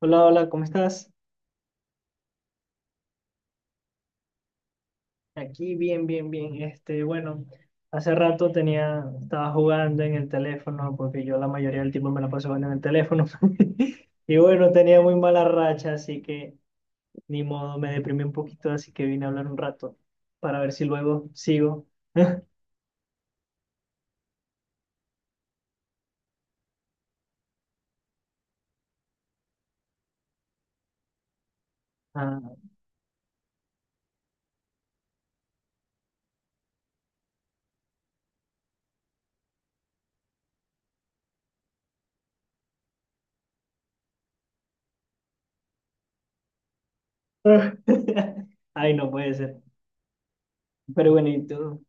Hola, hola, ¿cómo estás? Aquí bien, bien, bien. Bueno, hace rato estaba jugando en el teléfono porque yo la mayoría del tiempo me la paso jugando en el teléfono. Y bueno, tenía muy mala racha, así que ni modo, me deprimí un poquito, así que vine a hablar un rato para ver si luego sigo. Ah. Ay, no puede ser. Pero bueno, ¿y tú?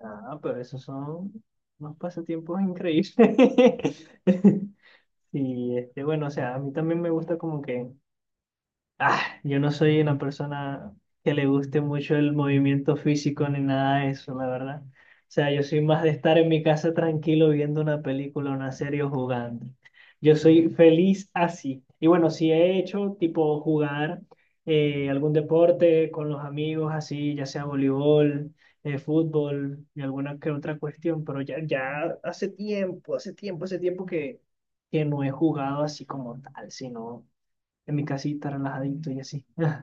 Ah, pero esos son unos pasatiempos increíbles. Y bueno, o sea, a mí también me gusta como que. Ah, yo no soy una persona que le guste mucho el movimiento físico ni nada de eso, la verdad. O sea, yo soy más de estar en mi casa tranquilo viendo una película, una serie o jugando. Yo soy feliz así. Y bueno, sí he hecho tipo jugar algún deporte con los amigos, así, ya sea voleibol, fútbol y alguna que otra cuestión, pero hace tiempo, hace tiempo, hace tiempo que no he jugado así como tal, sino en mi casita, relajadito y así.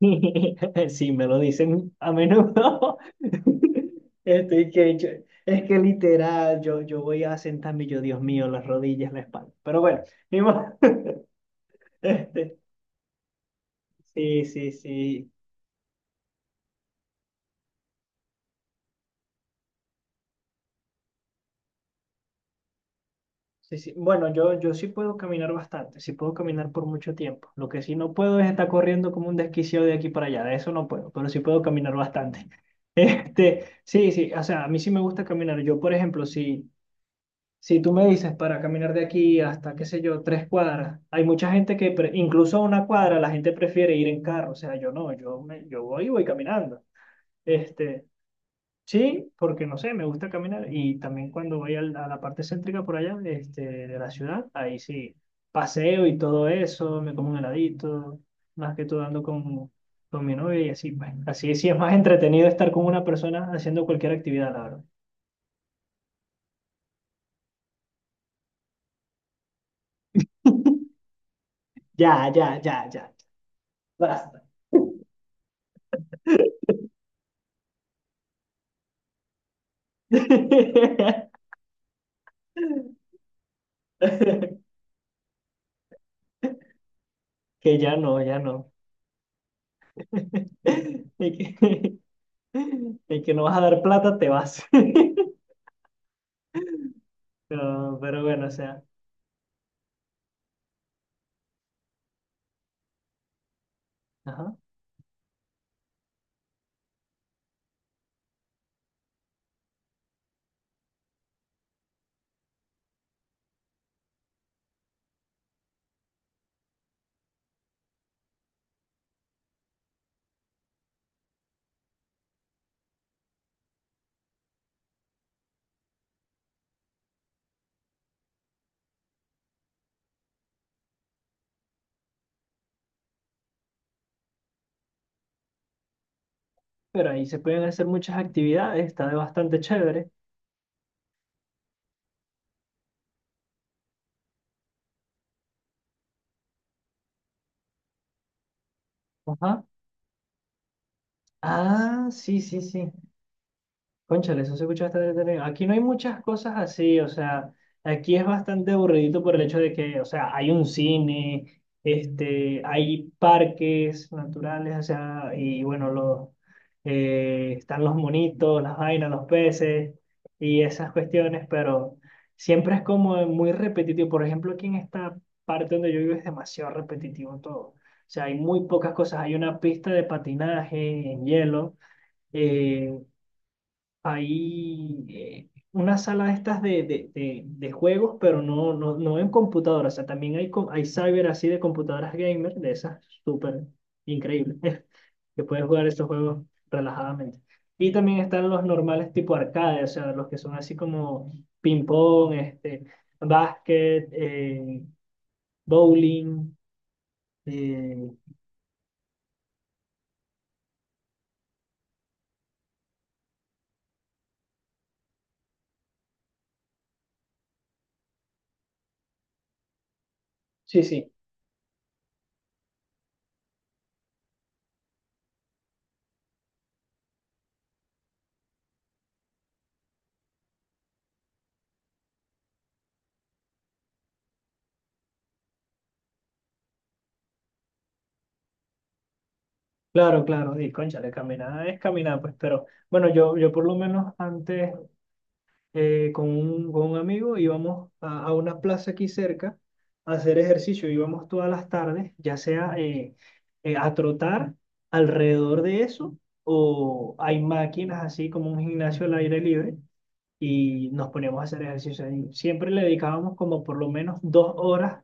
Sí, me lo dicen a menudo. Estoy que yo- es que literal, yo voy a sentarme, y yo, Dios mío, las rodillas, la espalda. Pero bueno, ni modo. Este, sí, sí, sí. Sí, sí. Bueno, yo sí puedo caminar bastante, sí puedo caminar por mucho tiempo. Lo que sí no puedo es estar corriendo como un desquiciado de aquí para allá, de eso no puedo, pero sí puedo caminar bastante. Sí, sí, o sea, a mí sí me gusta caminar. Yo, por ejemplo, sí. Si tú me dices para caminar de aquí hasta, qué sé yo, 3 cuadras, hay mucha gente incluso a una cuadra, la gente prefiere ir en carro. O sea, yo no, yo voy y voy caminando. Este, sí, porque no sé, me gusta caminar. Y también cuando voy a la parte céntrica por allá, de la ciudad, ahí sí, paseo y todo eso, me como un heladito, más que todo ando con mi novia y así. Bueno, así sí es más entretenido estar con una persona haciendo cualquier actividad, la verdad. Ya, ya, ya, ya. Basta. Que ya no, ya no. Y que, y que no vas a dar plata, te vas. Pero bueno, o sea, ajá. Pero ahí se pueden hacer muchas actividades, está de bastante chévere. Ajá. Ah, sí, sí, sí. Cónchale, eso se escucha bastante entretenido. Aquí no hay muchas cosas así, o sea, aquí es bastante aburridito por el hecho de que, o sea, hay un cine, hay parques naturales, o sea, y bueno, están los monitos, las vainas, los peces y esas cuestiones, pero siempre es como muy repetitivo. Por ejemplo, aquí en esta parte donde yo vivo es demasiado repetitivo todo. O sea, hay muy pocas cosas. Hay una pista de patinaje en hielo. eh, Hay una sala de estas de juegos, pero no, no, no en computadoras. O sea, también hay cyber así de computadoras gamer, de esas súper increíbles, que puedes jugar esos juegos relajadamente. Y también están los normales tipo arcade, o sea, los que son así como ping-pong, básquet, bowling. eh, sí, sí, claro, claro. Y cónchale, caminar es caminar, pues, pero. Bueno, yo por lo menos antes con un, amigo, íbamos a una plaza aquí cerca a hacer ejercicio, íbamos todas las tardes, ya sea a trotar alrededor de eso o hay máquinas así como un gimnasio al aire libre y nos poníamos a hacer ejercicio ahí. Siempre le dedicábamos como por lo menos 2 horas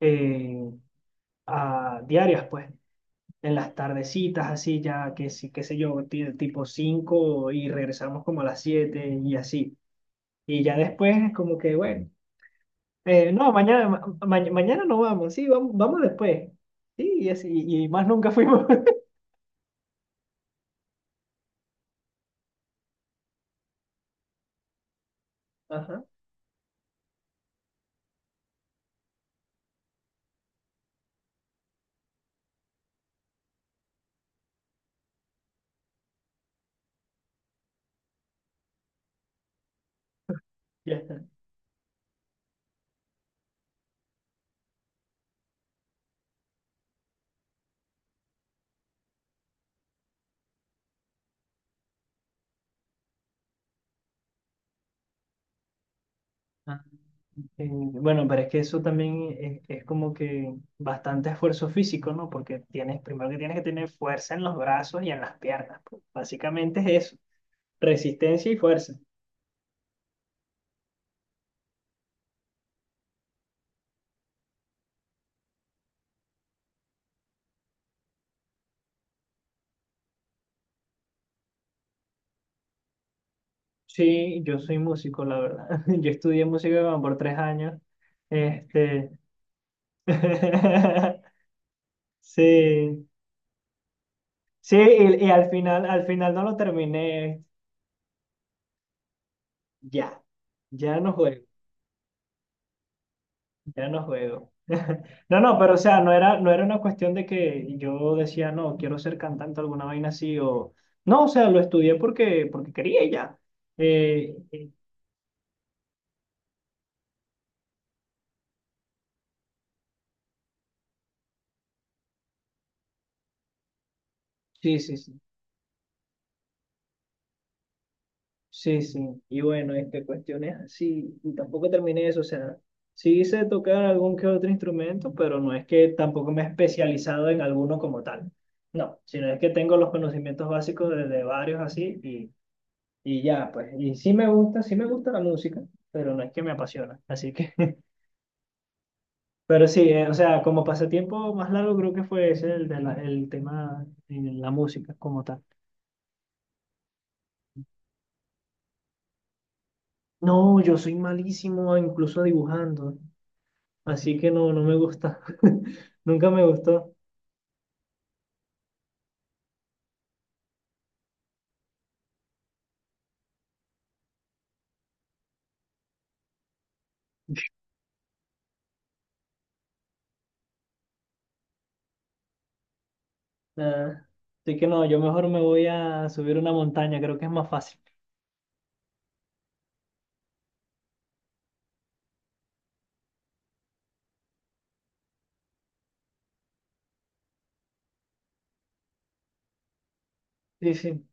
eh, diarias, pues. En las tardecitas, así ya, que sí, qué sé yo, tipo 5 y regresamos como a las 7 y así. Y ya después es como que, bueno, no, mañana, mañana no vamos, sí, vamos, vamos después. Sí, y así, y más nunca fuimos. Ajá, ya está. Ah, bueno, pero es que eso también es como que bastante esfuerzo físico, ¿no? Porque tienes, primero que tienes que tener fuerza en los brazos y en las piernas. Pues. Básicamente es eso, resistencia y fuerza. Sí, yo soy músico, la verdad. Yo estudié música como por 3 años. Este, sí. Sí, y al final no lo terminé ya. Ya no juego, ya no juego. No, no, pero o sea, no era una cuestión de que yo decía, no, quiero ser cantante, alguna vaina así, o no, o sea, lo estudié porque quería y ya. Eh, eh, sí, sí, sí. Sí, sí, y bueno, cuestiones así, y tampoco terminé eso, o sea, sí hice tocar algún que otro instrumento, pero no es que tampoco me he especializado en alguno como tal, no, sino es que tengo los conocimientos básicos de varios así, y ya, pues, y sí me gusta la música, pero no es que me apasiona, así que, pero sí, o sea, como pasatiempo más largo creo que fue ese, el tema en la música como tal. No, yo soy malísimo incluso dibujando. Así que no, no me gusta. Nunca me gustó. Ah, así que no, yo mejor me voy a subir una montaña, creo que es más fácil. Sí, sí.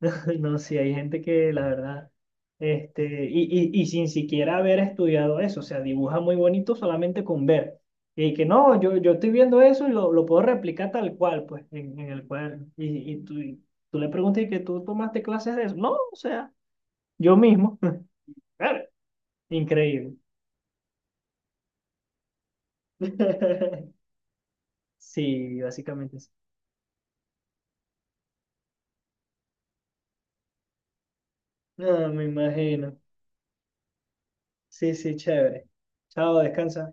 No, sí, hay gente que la verdad, y sin siquiera haber estudiado eso, o sea, dibuja muy bonito solamente con ver. Y que no, yo estoy viendo eso y lo puedo replicar tal cual, pues, en el cuaderno. Y tú le preguntas y que tú tomaste clases de eso. No, o sea, yo mismo. Claro, increíble. Sí, básicamente. No, me imagino. Sí, sí, chévere. Chao, descansa.